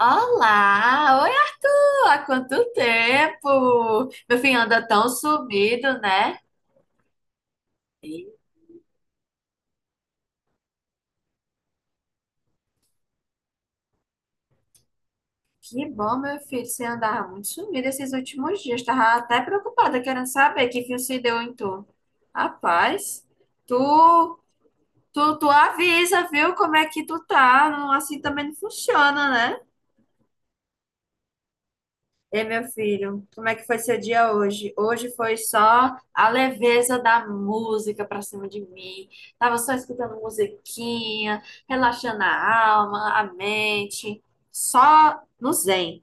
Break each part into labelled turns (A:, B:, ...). A: Olá! Oi, alô, há quanto tempo? Meu filho anda tão sumido, né? Que bom, meu filho, você andava muito sumido esses últimos dias. Tava até preocupada, querendo saber que fim se deu em tu. Rapaz, tu, tu avisa, viu? Como é que tu tá? Não, assim também não funciona, né? Ei, meu filho, como é que foi seu dia hoje? Hoje foi só a leveza da música pra cima de mim. Tava só escutando musiquinha, relaxando a alma, a mente, só no zen.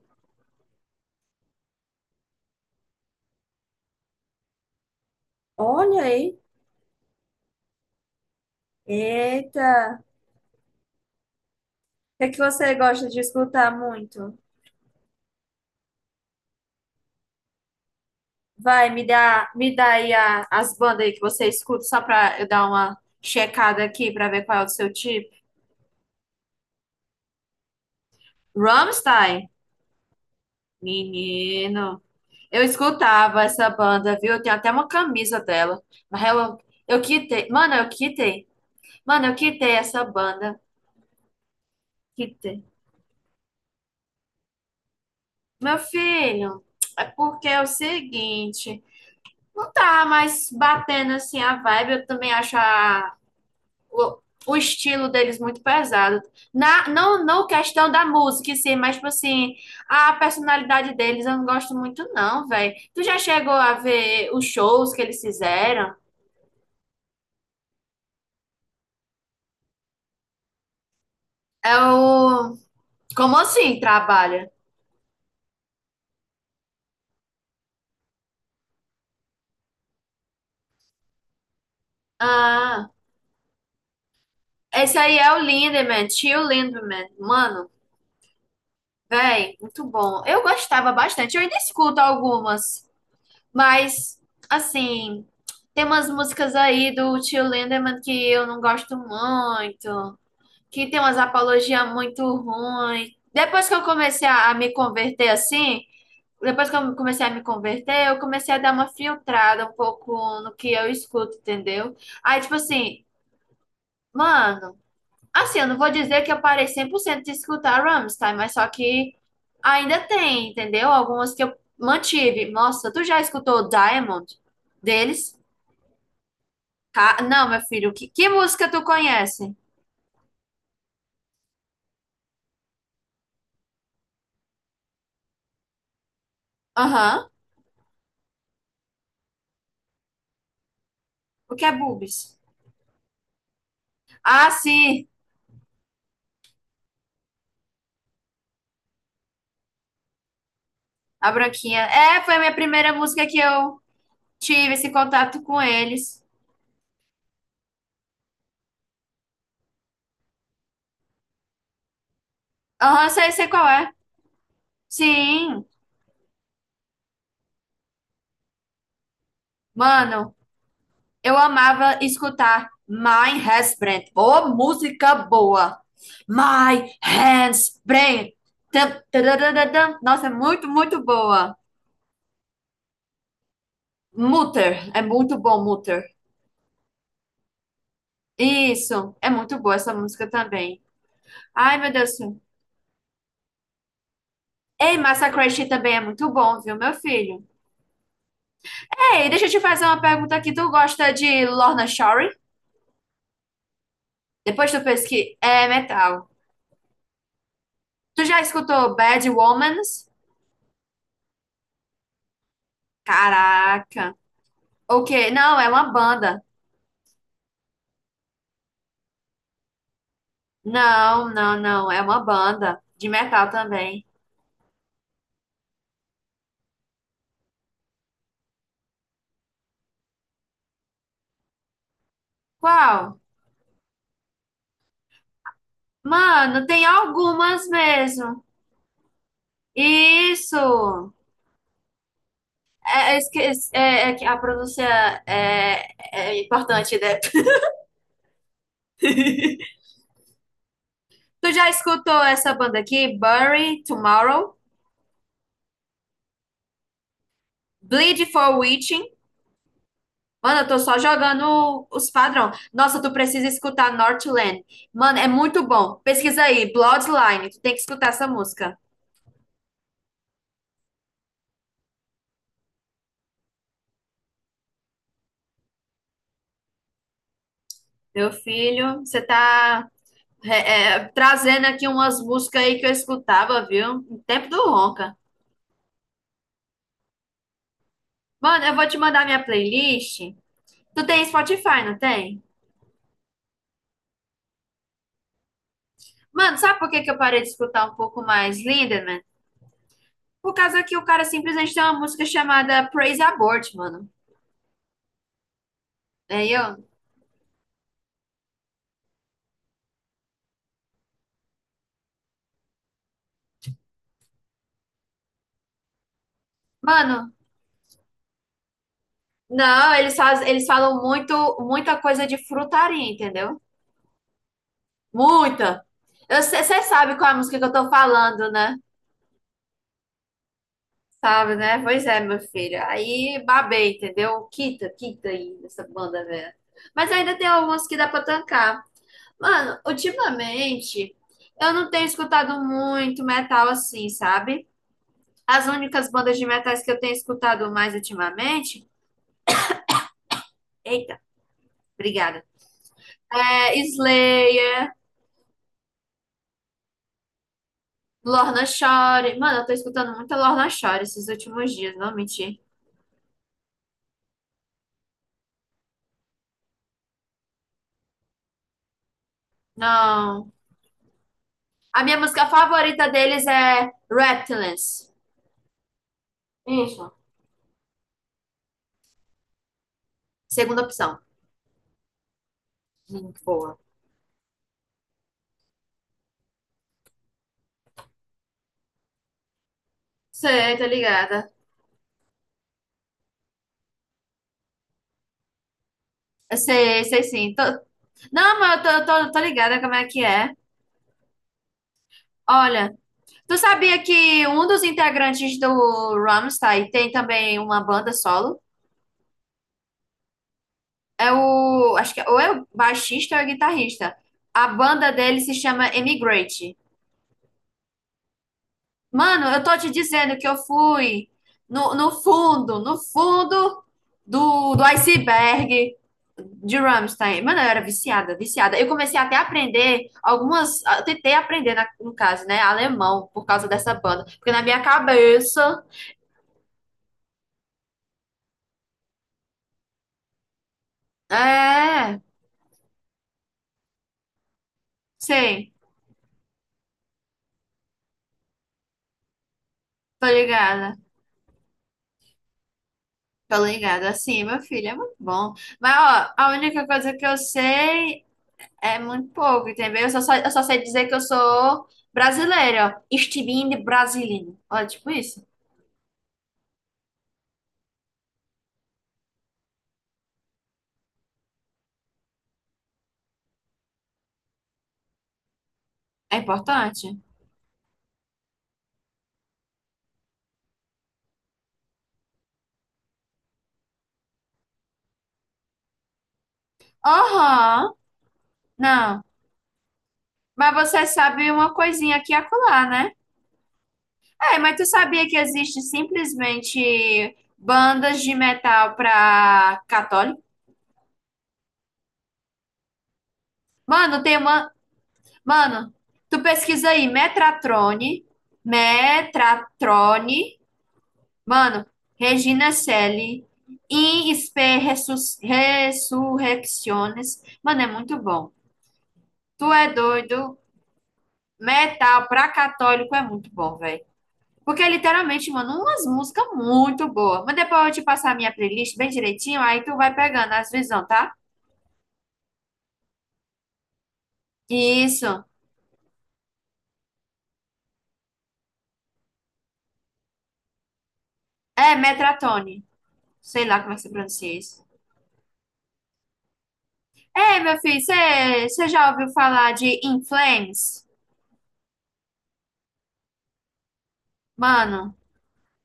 A: Olha aí. Eita, o que é que você gosta de escutar muito? Vai, me dá aí as bandas aí que você escuta, só pra eu dar uma checada aqui pra ver qual é o seu tipo. Rammstein? Menino. Eu escutava essa banda, viu? Eu tenho até uma camisa dela. Mas eu quitei. Mano, eu quitei. Mano, eu quitei essa banda. Quitei. Meu filho, é porque é o seguinte, não tá mais batendo assim a vibe. Eu também acho o, o estilo deles muito pesado. Não questão da música, sim, mas tipo assim, a personalidade deles eu não gosto muito, não, velho. Tu já chegou a ver os shows que eles fizeram? É o. Como assim trabalha? Ah, esse aí é o Lindemann, Tio Lindemann. Mano, véi, muito bom. Eu gostava bastante, eu ainda escuto algumas, mas, assim, tem umas músicas aí do Tio Lindemann que eu não gosto muito, que tem umas apologias muito ruins. Depois que eu comecei a me converter assim, depois que eu comecei a me converter, eu comecei a dar uma filtrada um pouco no que eu escuto, entendeu? Aí, tipo assim, mano. Assim, eu não vou dizer que eu parei 100% de escutar Rammstein, mas só que ainda tem, entendeu? Algumas que eu mantive. Nossa, tu já escutou Diamond deles? Não, meu filho, que música tu conhece? Aham. O que é Boobs? Ah, sim, a Branquinha. É, foi a minha primeira música que eu tive esse contato com eles. Aham, sei, sei qual é. Sim. Mano, eu amava escutar My Husband. Ô, música boa! My Husband. Tam, tararararam. Nossa, é muito boa. Mutter. É muito bom, Mutter. Isso. É muito boa essa música também. Ai, meu Deus do céu. Ei, Massacration também é muito bom, viu, meu filho? Ei, deixa eu te fazer uma pergunta aqui. Tu gosta de Lorna Shore? Depois tu pesquisa. É metal. Tu já escutou Bad Womans? Caraca. O quê? Não, é uma banda. Não. É uma banda de metal também. Qual? Mano, tem algumas mesmo. Isso! É, é, esque- é que a pronúncia é, é importante, né? Tu já escutou essa banda aqui? Bury Tomorrow? Bleed for Witching? Mano, eu tô só jogando os padrão. Nossa, tu precisa escutar Northland. Mano, é muito bom. Pesquisa aí, Bloodline. Tu tem que escutar essa música. Meu filho, você tá trazendo aqui umas músicas aí que eu escutava, viu? No tempo do Ronca. Mano, eu vou te mandar minha playlist. Tu tem Spotify, não tem? Mano, sabe por que que eu parei de escutar um pouco mais Lindemann? Por causa que o cara simplesmente tem uma música chamada Praise Abort, mano. Aí eu? Mano, não, eles falam muito, muita coisa de frutaria, entendeu? Muita. Você sabe qual é a música que eu tô falando, né? Sabe, né? Pois é, meu filho. Aí babei, entendeu? Quita aí nessa banda velha. Mas ainda tem algumas que dá pra tancar. Mano, ultimamente eu não tenho escutado muito metal assim, sabe? As únicas bandas de metais que eu tenho escutado mais ultimamente. Eita, obrigada. É Slayer, Lorna Shore. Mano, eu tô escutando muita Lorna Shore esses últimos dias, não vou mentir. Não. A minha música favorita deles é Reptilance. Isso. Segunda opção. Boa. Sei, tô ligada. Eu sei, sei sim. Não, mas eu tô ligada como é que é. Olha, tu sabia que um dos integrantes do Rammstein tem também uma banda solo? É o, acho que ou é o baixista ou é o guitarrista. A banda dele se chama Emigrate. Mano, eu tô te dizendo que eu fui no fundo, no fundo do iceberg de Rammstein. Mano, eu era viciada. Eu comecei até a aprender algumas. Eu tentei aprender, no caso, né? Alemão, por causa dessa banda. Porque na minha cabeça. É, sei, tô ligada. Tô ligada, assim, meu filho, é muito bom. Mas, ó, a única coisa que eu sei é muito pouco, entendeu? Eu só sei dizer que eu sou brasileira. Estilingue brasileiro. Olha, tipo isso. É importante? Aham. Não. Mas você sabe uma coisinha aqui e acolá, né? É, mas tu sabia que existe simplesmente bandas de metal pra católico? Mano, tem uma... Mano, tu pesquisa aí. Metratrone. Metratrone. Mano, Regina Celi, In Spe Resurrecciones. Mano, é muito bom. Tu é doido. Metal pra católico é muito bom, velho. Porque é literalmente, mano, umas músicas muito boas. Mas depois eu te passar a minha playlist bem direitinho, aí tu vai pegando as visão, tá? Isso. É Metratone. Sei lá como é que se pronuncia isso. É meu filho, você já ouviu falar de In Flames? Mano.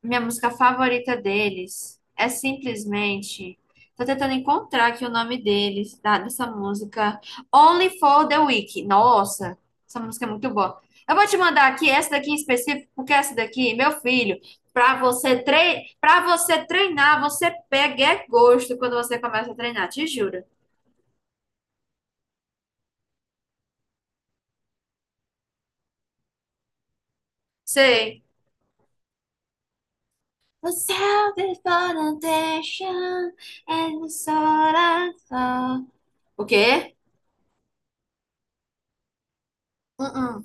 A: Minha música favorita deles é simplesmente. Tô tentando encontrar aqui o nome deles, tá? Dessa música. Only for the Week. Nossa, essa música é muito boa. Eu vou te mandar aqui essa daqui em específico, porque essa daqui, meu filho, pra você para você treinar, você pega é gosto quando você começa a treinar, te juro. Sei. The self-determination and the soul. O quê? Uh-uh.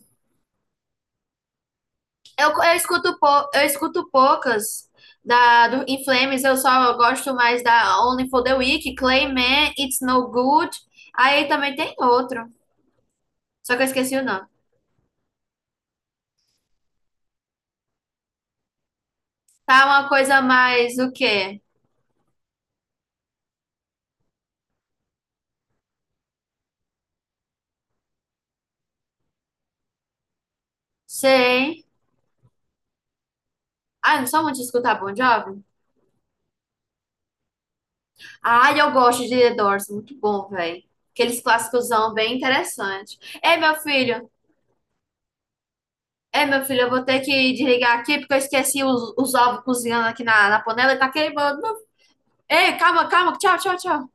A: Eu escuto, eu escuto poucas do In Flames, eu só gosto mais da Only for the Weak, Clayman, It's No Good. Aí também tem outro, só que eu esqueci o nome. Tá uma coisa mais o quê? Sei. Ah, eu não sou muito de escutar Bon Jovi? Ah, eu gosto de The Doors, muito bom, velho. Aqueles clássicosão bem interessante. Ei, meu filho, ei, meu filho, eu vou ter que desligar aqui porque eu esqueci os ovos cozinhando aqui na panela e tá queimando. Ei, calma, calma, tchau, tchau, tchau.